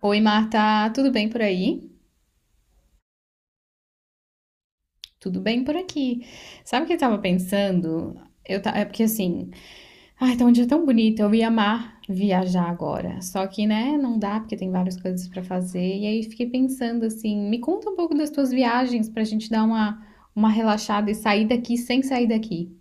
Oi, Marta, tudo bem por aí? Tudo bem por aqui. Sabe o que eu tava pensando? Eu ta... É porque assim, ai, Tá um dia tão bonito, eu ia amar viajar agora. Só que, né, não dá porque tem várias coisas pra fazer. E aí fiquei pensando assim, me conta um pouco das tuas viagens pra gente dar uma relaxada e sair daqui sem sair daqui.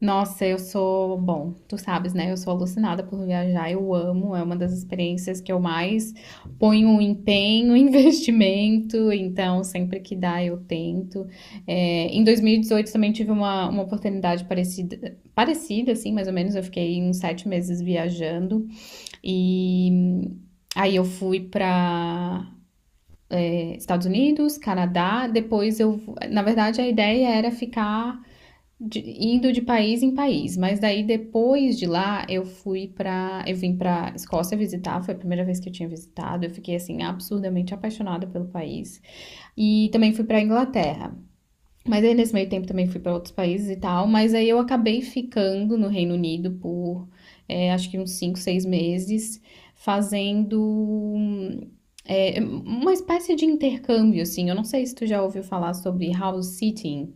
Nossa, eu sou, bom, tu sabes, né? Eu sou alucinada por viajar, eu amo, é uma das experiências que eu mais ponho um empenho, investimento, então sempre que dá eu tento. É, em 2018 também tive uma oportunidade parecida, parecida, assim, mais ou menos, eu fiquei uns 7 meses viajando e aí eu fui para Estados Unidos, Canadá, depois eu, na verdade a ideia era ficar de- indo de país em país, mas daí depois de lá eu fui pra. Eu vim pra Escócia visitar, foi a primeira vez que eu tinha visitado, eu fiquei assim absurdamente apaixonada pelo país. E também fui pra Inglaterra. Mas aí nesse meio tempo também fui pra outros países e tal, mas aí eu acabei ficando no Reino Unido por acho que uns 5, 6 meses, fazendo hum, uma espécie de intercâmbio, assim. Eu não sei se tu já ouviu falar sobre house sitting.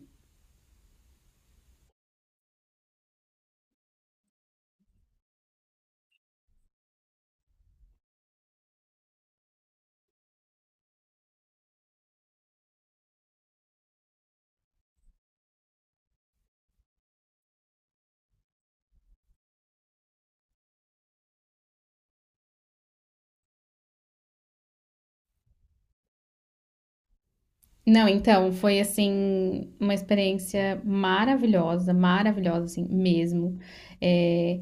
Não, então, foi assim, uma experiência maravilhosa, maravilhosa, assim, mesmo. É,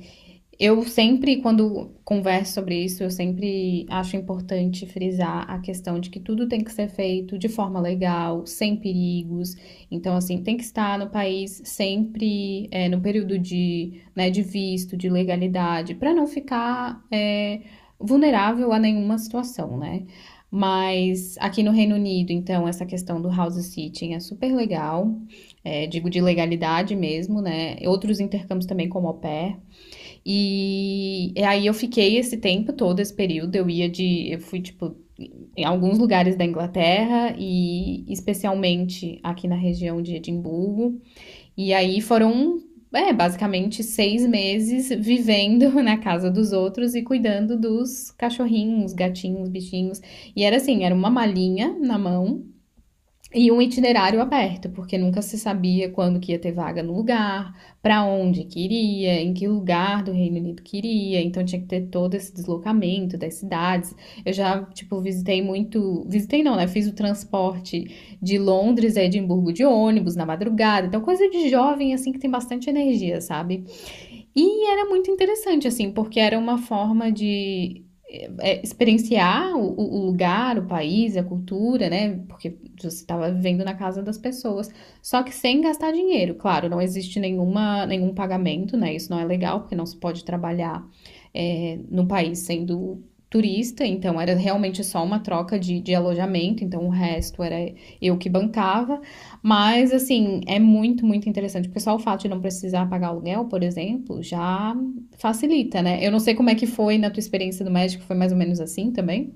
eu sempre, quando converso sobre isso, eu sempre acho importante frisar a questão de que tudo tem que ser feito de forma legal, sem perigos. Então, assim, tem que estar no país sempre no período de, né, de visto, de legalidade, para não ficar vulnerável a nenhuma situação, né? Mas aqui no Reino Unido, então, essa questão do house sitting é super legal, é, digo de legalidade mesmo, né? Outros intercâmbios também, como au pair. E aí eu fiquei esse tempo todo, esse período, eu fui tipo em alguns lugares da Inglaterra e especialmente aqui na região de Edimburgo. E aí foram, é, basicamente 6 meses vivendo na casa dos outros e cuidando dos cachorrinhos, gatinhos, bichinhos. E era assim, era uma malinha na mão e um itinerário aberto, porque nunca se sabia quando que ia ter vaga no lugar, para onde queria, em que lugar do Reino Unido queria, então tinha que ter todo esse deslocamento das cidades. Eu já, tipo, visitei muito, visitei não, né? Fiz o transporte de Londres a Edimburgo de ônibus na madrugada. Então coisa de jovem assim que tem bastante energia, sabe? E era muito interessante, assim, porque era uma forma de experienciar o lugar, o país, a cultura, né? Porque você estava vivendo na casa das pessoas, só que sem gastar dinheiro. Claro, não existe nenhuma, nenhum pagamento, né? Isso não é legal, porque não se pode trabalhar no país sendo turista, então era realmente só uma troca de alojamento, então o resto era eu que bancava. Mas, assim, é muito, muito interessante, porque só o fato de não precisar pagar aluguel, por exemplo, já facilita, né? Eu não sei como é que foi na tua experiência do México, foi mais ou menos assim também.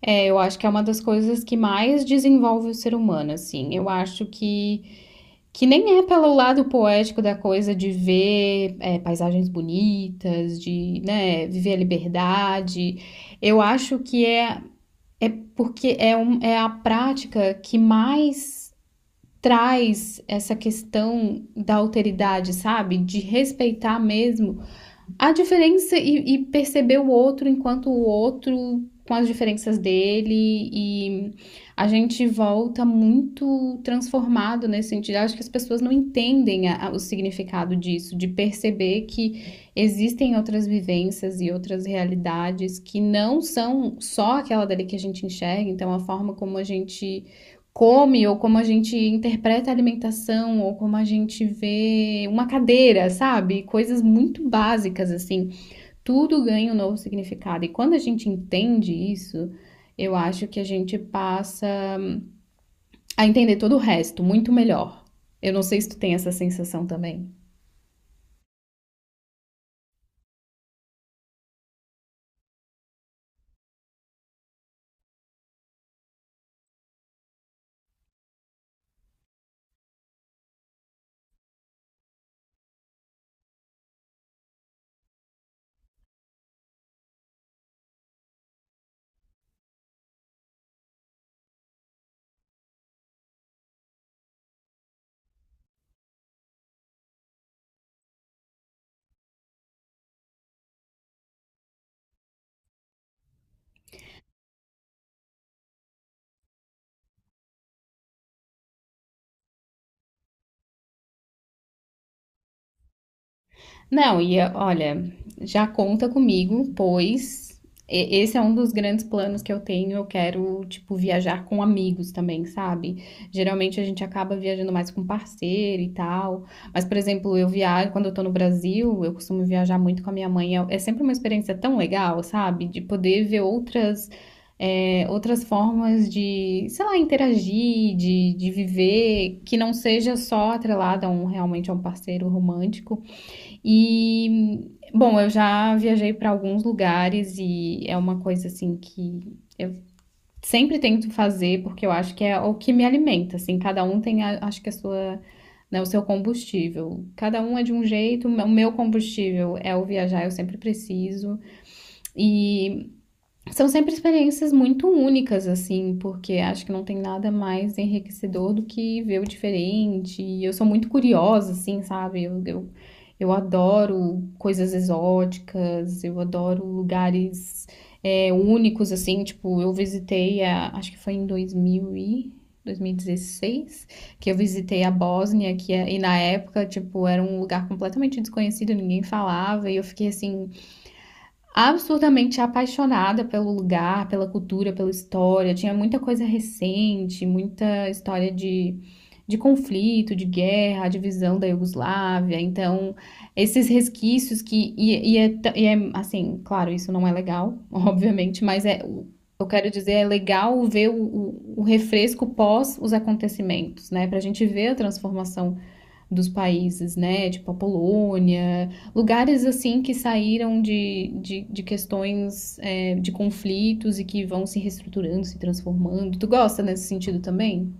É, eu acho que é uma das coisas que mais desenvolve o ser humano, assim. Eu acho que nem é pelo lado poético da coisa de ver paisagens bonitas, de, né, viver a liberdade. Eu acho que é porque é a prática que mais traz essa questão da alteridade, sabe? De respeitar mesmo a diferença e perceber o outro enquanto o outro com as diferenças dele e a gente volta muito transformado nesse sentido. Eu acho que as pessoas não entendem o significado disso, de perceber que existem outras vivências e outras realidades que não são só aquela dali que a gente enxerga. Então, a forma como a gente come ou como a gente interpreta a alimentação ou como a gente vê uma cadeira, sabe? Coisas muito básicas assim. Tudo ganha um novo significado e quando a gente entende isso, eu acho que a gente passa a entender todo o resto muito melhor. Eu não sei se tu tem essa sensação também. Não, e olha, já conta comigo, pois esse é um dos grandes planos que eu tenho. Eu quero, tipo, viajar com amigos também, sabe? Geralmente a gente acaba viajando mais com parceiro e tal. Mas, por exemplo, eu viajo, quando eu tô no Brasil, eu costumo viajar muito com a minha mãe. É sempre uma experiência tão legal, sabe? De poder ver outras, outras formas de, sei lá, interagir, de viver, que não seja só atrelada a um, realmente a um parceiro romântico. E, bom, eu já viajei para alguns lugares e é uma coisa assim que eu sempre tento fazer porque eu acho que é o que me alimenta, assim, cada um tem acho que a sua, né, o seu combustível. Cada um é de um jeito, o meu combustível é o viajar, eu sempre preciso. E são sempre experiências muito únicas, assim, porque acho que não tem nada mais enriquecedor do que ver o diferente. E eu sou muito curiosa, assim, sabe? Eu adoro coisas exóticas, eu adoro lugares únicos, assim. Tipo, eu visitei, a, acho que foi em 2000 e 2016, que eu visitei a Bósnia, que, e na época, tipo, era um lugar completamente desconhecido, ninguém falava, e eu fiquei assim absurdamente apaixonada pelo lugar, pela cultura, pela história. Tinha muita coisa recente, muita história de conflito, de guerra, a divisão da Iugoslávia. Então, esses resquícios que. E é, assim, claro, isso não é legal, obviamente, mas é. Eu quero dizer, é legal ver o refresco pós os acontecimentos, né? Pra gente ver a transformação dos países, né? Tipo a Polônia, lugares assim que saíram de questões, é, de conflitos e que vão se reestruturando, se transformando. Tu gosta nesse sentido também?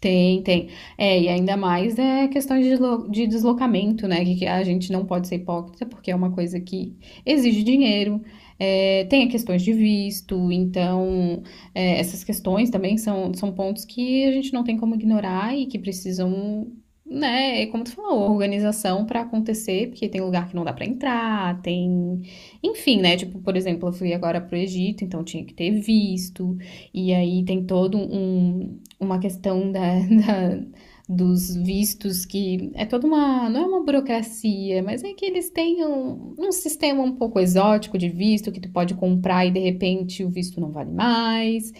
Tem, tem. É, e ainda mais é questões de de deslocamento, né? Que a gente não pode ser hipócrita, porque é uma coisa que exige dinheiro, é, tem questões de visto, então essas questões também são, são pontos que a gente não tem como ignorar e que precisam, né, é como tu falou, organização para acontecer, porque tem lugar que não dá para entrar, tem. Enfim, né? Tipo, por exemplo, eu fui agora pro Egito, então tinha que ter visto. E aí tem todo um, uma questão da, da- dos vistos que é toda uma, não é uma burocracia, mas é que eles têm um, um sistema um pouco exótico de visto que tu pode comprar e de repente o visto não vale mais.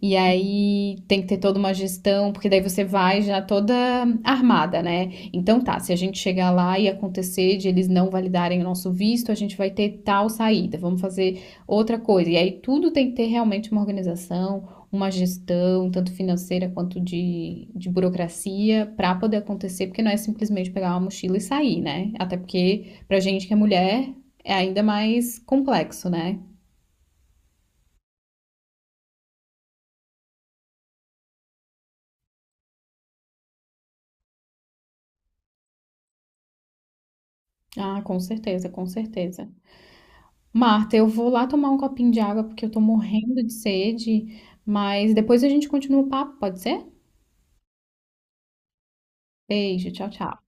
E aí tem que ter toda uma gestão, porque daí você vai já toda armada, né? Então tá, se a gente chegar lá e acontecer de eles não validarem o nosso visto, a gente vai ter tal saída, vamos fazer outra coisa. E aí tudo tem que ter realmente uma organização, uma gestão, tanto financeira quanto de burocracia, para poder acontecer, porque não é simplesmente pegar uma mochila e sair, né? Até porque, pra gente que é mulher, é ainda mais complexo, né? Ah, com certeza, com certeza. Marta, eu vou lá tomar um copinho de água porque eu tô morrendo de sede, mas depois a gente continua o papo, pode ser? Beijo, tchau, tchau.